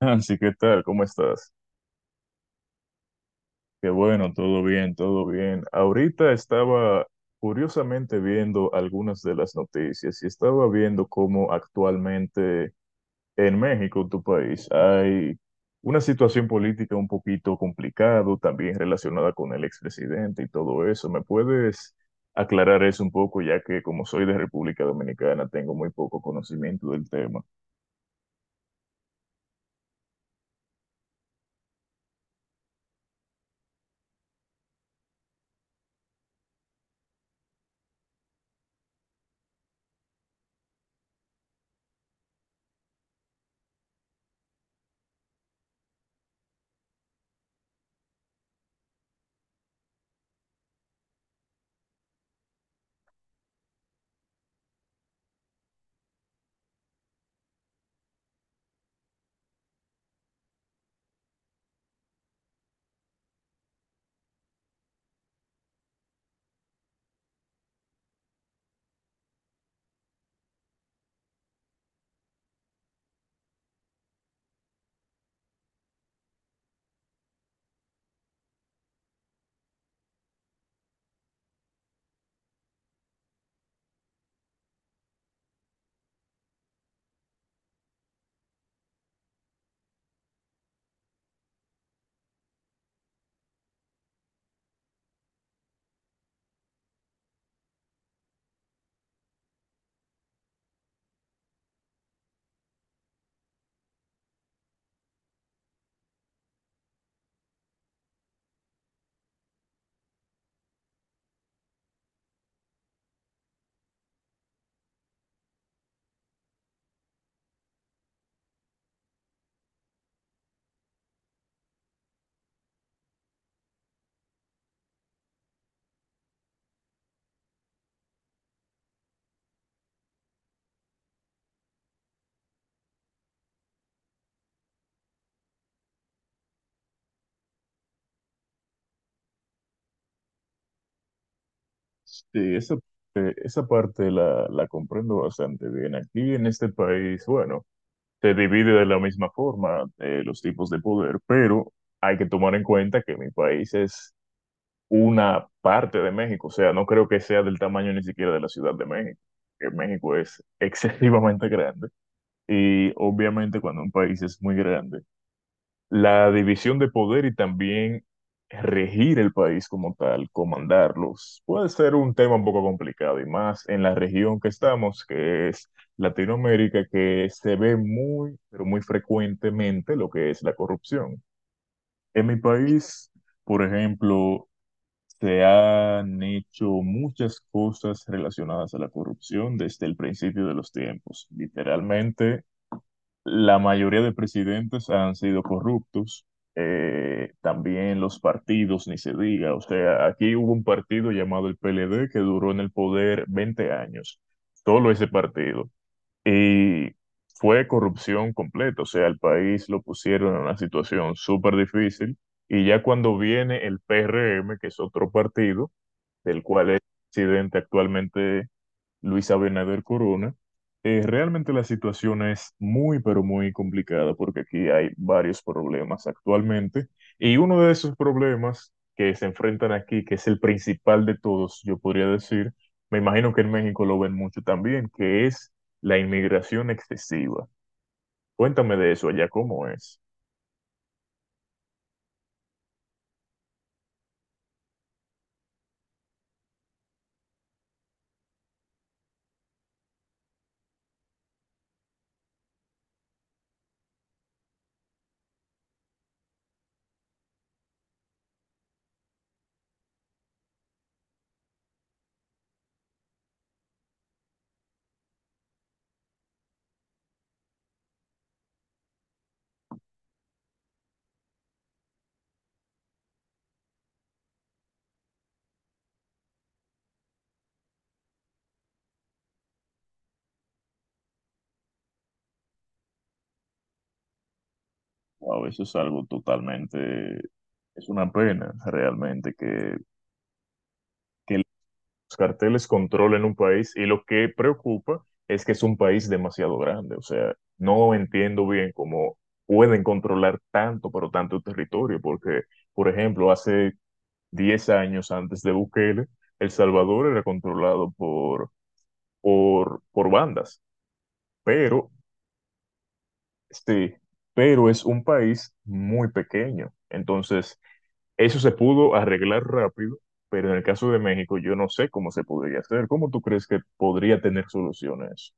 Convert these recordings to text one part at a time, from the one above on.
Así, ¿qué tal? ¿Cómo estás? Qué bueno, todo bien, todo bien. Ahorita estaba curiosamente viendo algunas de las noticias y estaba viendo cómo actualmente en México, tu país, hay una situación política un poquito complicado, también relacionada con el expresidente y todo eso. ¿Me puedes aclarar eso un poco, ya que como soy de República Dominicana, tengo muy poco conocimiento del tema? Sí, esa, esa parte la comprendo bastante bien. Aquí en este país, bueno, se divide de la misma forma, los tipos de poder, pero hay que tomar en cuenta que mi país es una parte de México, o sea, no creo que sea del tamaño ni siquiera de la Ciudad de México, que México es excesivamente grande y obviamente cuando un país es muy grande, la división de poder y también regir el país como tal, comandarlos, puede ser un tema un poco complicado y más en la región que estamos, que es Latinoamérica, que se ve muy, pero muy frecuentemente lo que es la corrupción. En mi país, por ejemplo, se han hecho muchas cosas relacionadas a la corrupción desde el principio de los tiempos. Literalmente, la mayoría de presidentes han sido corruptos, también los partidos, ni se diga. O sea, aquí hubo un partido llamado el PLD que duró en el poder 20 años, solo ese partido. Y fue corrupción completa, o sea, el país lo pusieron en una situación súper difícil. Y ya cuando viene el PRM, que es otro partido, del cual es presidente actualmente Luis Abinader Corona, realmente la situación es muy, pero muy complicada porque aquí hay varios problemas actualmente y uno de esos problemas que se enfrentan aquí, que es el principal de todos, yo podría decir, me imagino que en México lo ven mucho también, que es la inmigración excesiva. Cuéntame de eso allá, ¿cómo es? Wow, eso es algo totalmente, es una pena realmente que los carteles controlen un país y lo que preocupa es que es un país demasiado grande. O sea, no entiendo bien cómo pueden controlar tanto, pero tanto territorio, porque, por ejemplo, hace 10 años antes de Bukele, El Salvador era controlado por bandas, pero, sí, pero es un país muy pequeño. Entonces, eso se pudo arreglar rápido, pero en el caso de México yo no sé cómo se podría hacer. ¿Cómo tú crees que podría tener soluciones?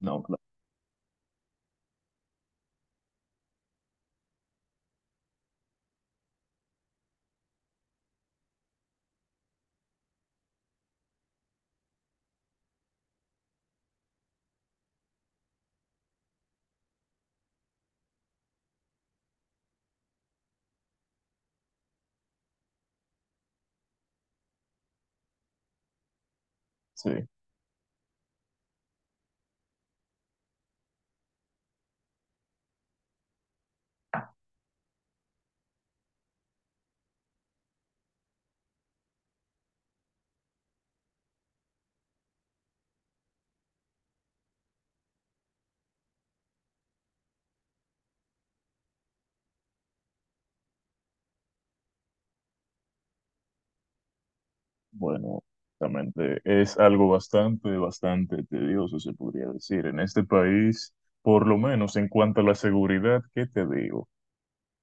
No, claro. Sí, bueno, exactamente. Es algo bastante, bastante tedioso, se podría decir. En este país, por lo menos en cuanto a la seguridad, ¿qué te digo?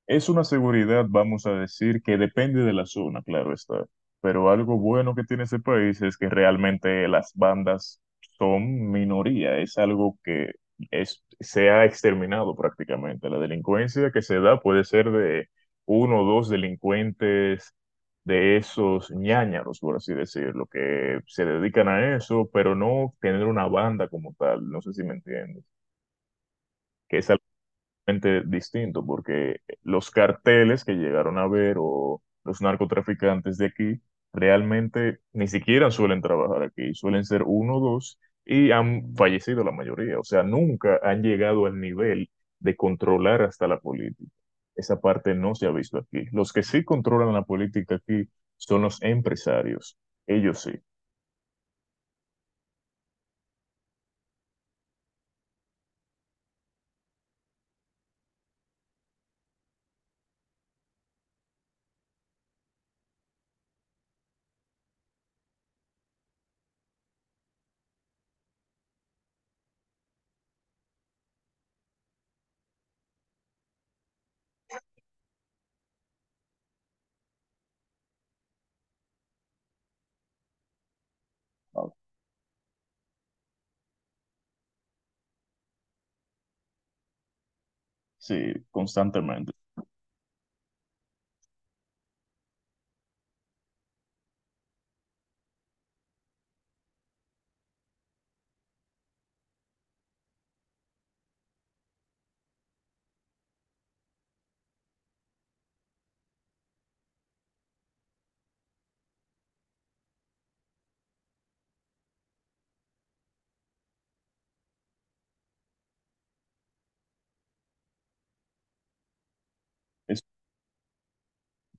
Es una seguridad, vamos a decir, que depende de la zona, claro está. Pero algo bueno que tiene ese país es que realmente las bandas son minoría. Es algo que es, se ha exterminado prácticamente. La delincuencia que se da puede ser de uno o dos delincuentes de esos ñáñaros, por así decirlo, que se dedican a eso, pero no tener una banda como tal. No sé si me entiendes. Que es distinto, porque los carteles que llegaron a ver o los narcotraficantes de aquí realmente ni siquiera suelen trabajar aquí, suelen ser uno o dos y han fallecido la mayoría, o sea, nunca han llegado al nivel de controlar hasta la política. Esa parte no se ha visto aquí. Los que sí controlan la política aquí son los empresarios, ellos sí, sí, constantemente.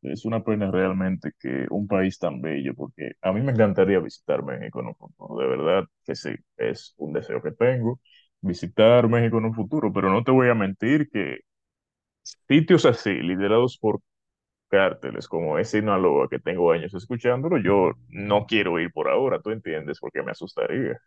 Es una pena realmente que un país tan bello, porque a mí me encantaría visitar México en un futuro, de verdad que sí, es un deseo que tengo, visitar México en un futuro, pero no te voy a mentir que sitios así, liderados por cárteles como es Sinaloa, que tengo años escuchándolo, yo no quiero ir por ahora, ¿tú entiendes? Porque me asustaría.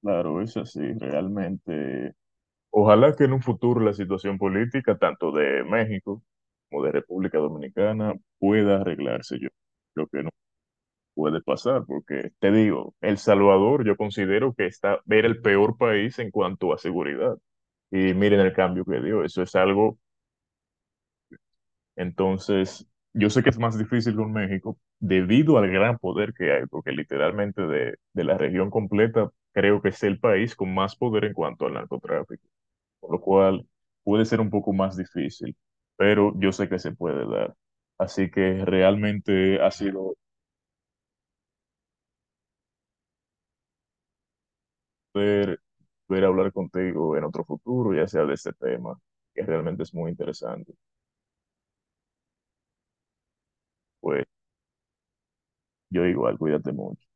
Claro, es así, realmente. Ojalá que en un futuro la situación política, tanto de México como de República Dominicana, pueda arreglarse. Yo creo que puede pasar, porque te digo, El Salvador yo considero que está, era el peor país en cuanto a seguridad. Y miren el cambio que dio, eso es algo, entonces, yo sé que es más difícil con México debido al gran poder que hay, porque literalmente de la región completa creo que es el país con más poder en cuanto al narcotráfico, por lo cual puede ser un poco más difícil, pero yo sé que se puede dar. Así que realmente ha sido poder, poder hablar contigo en otro futuro, ya sea de este tema, que realmente es muy interesante. Pues yo igual, cuídate mucho.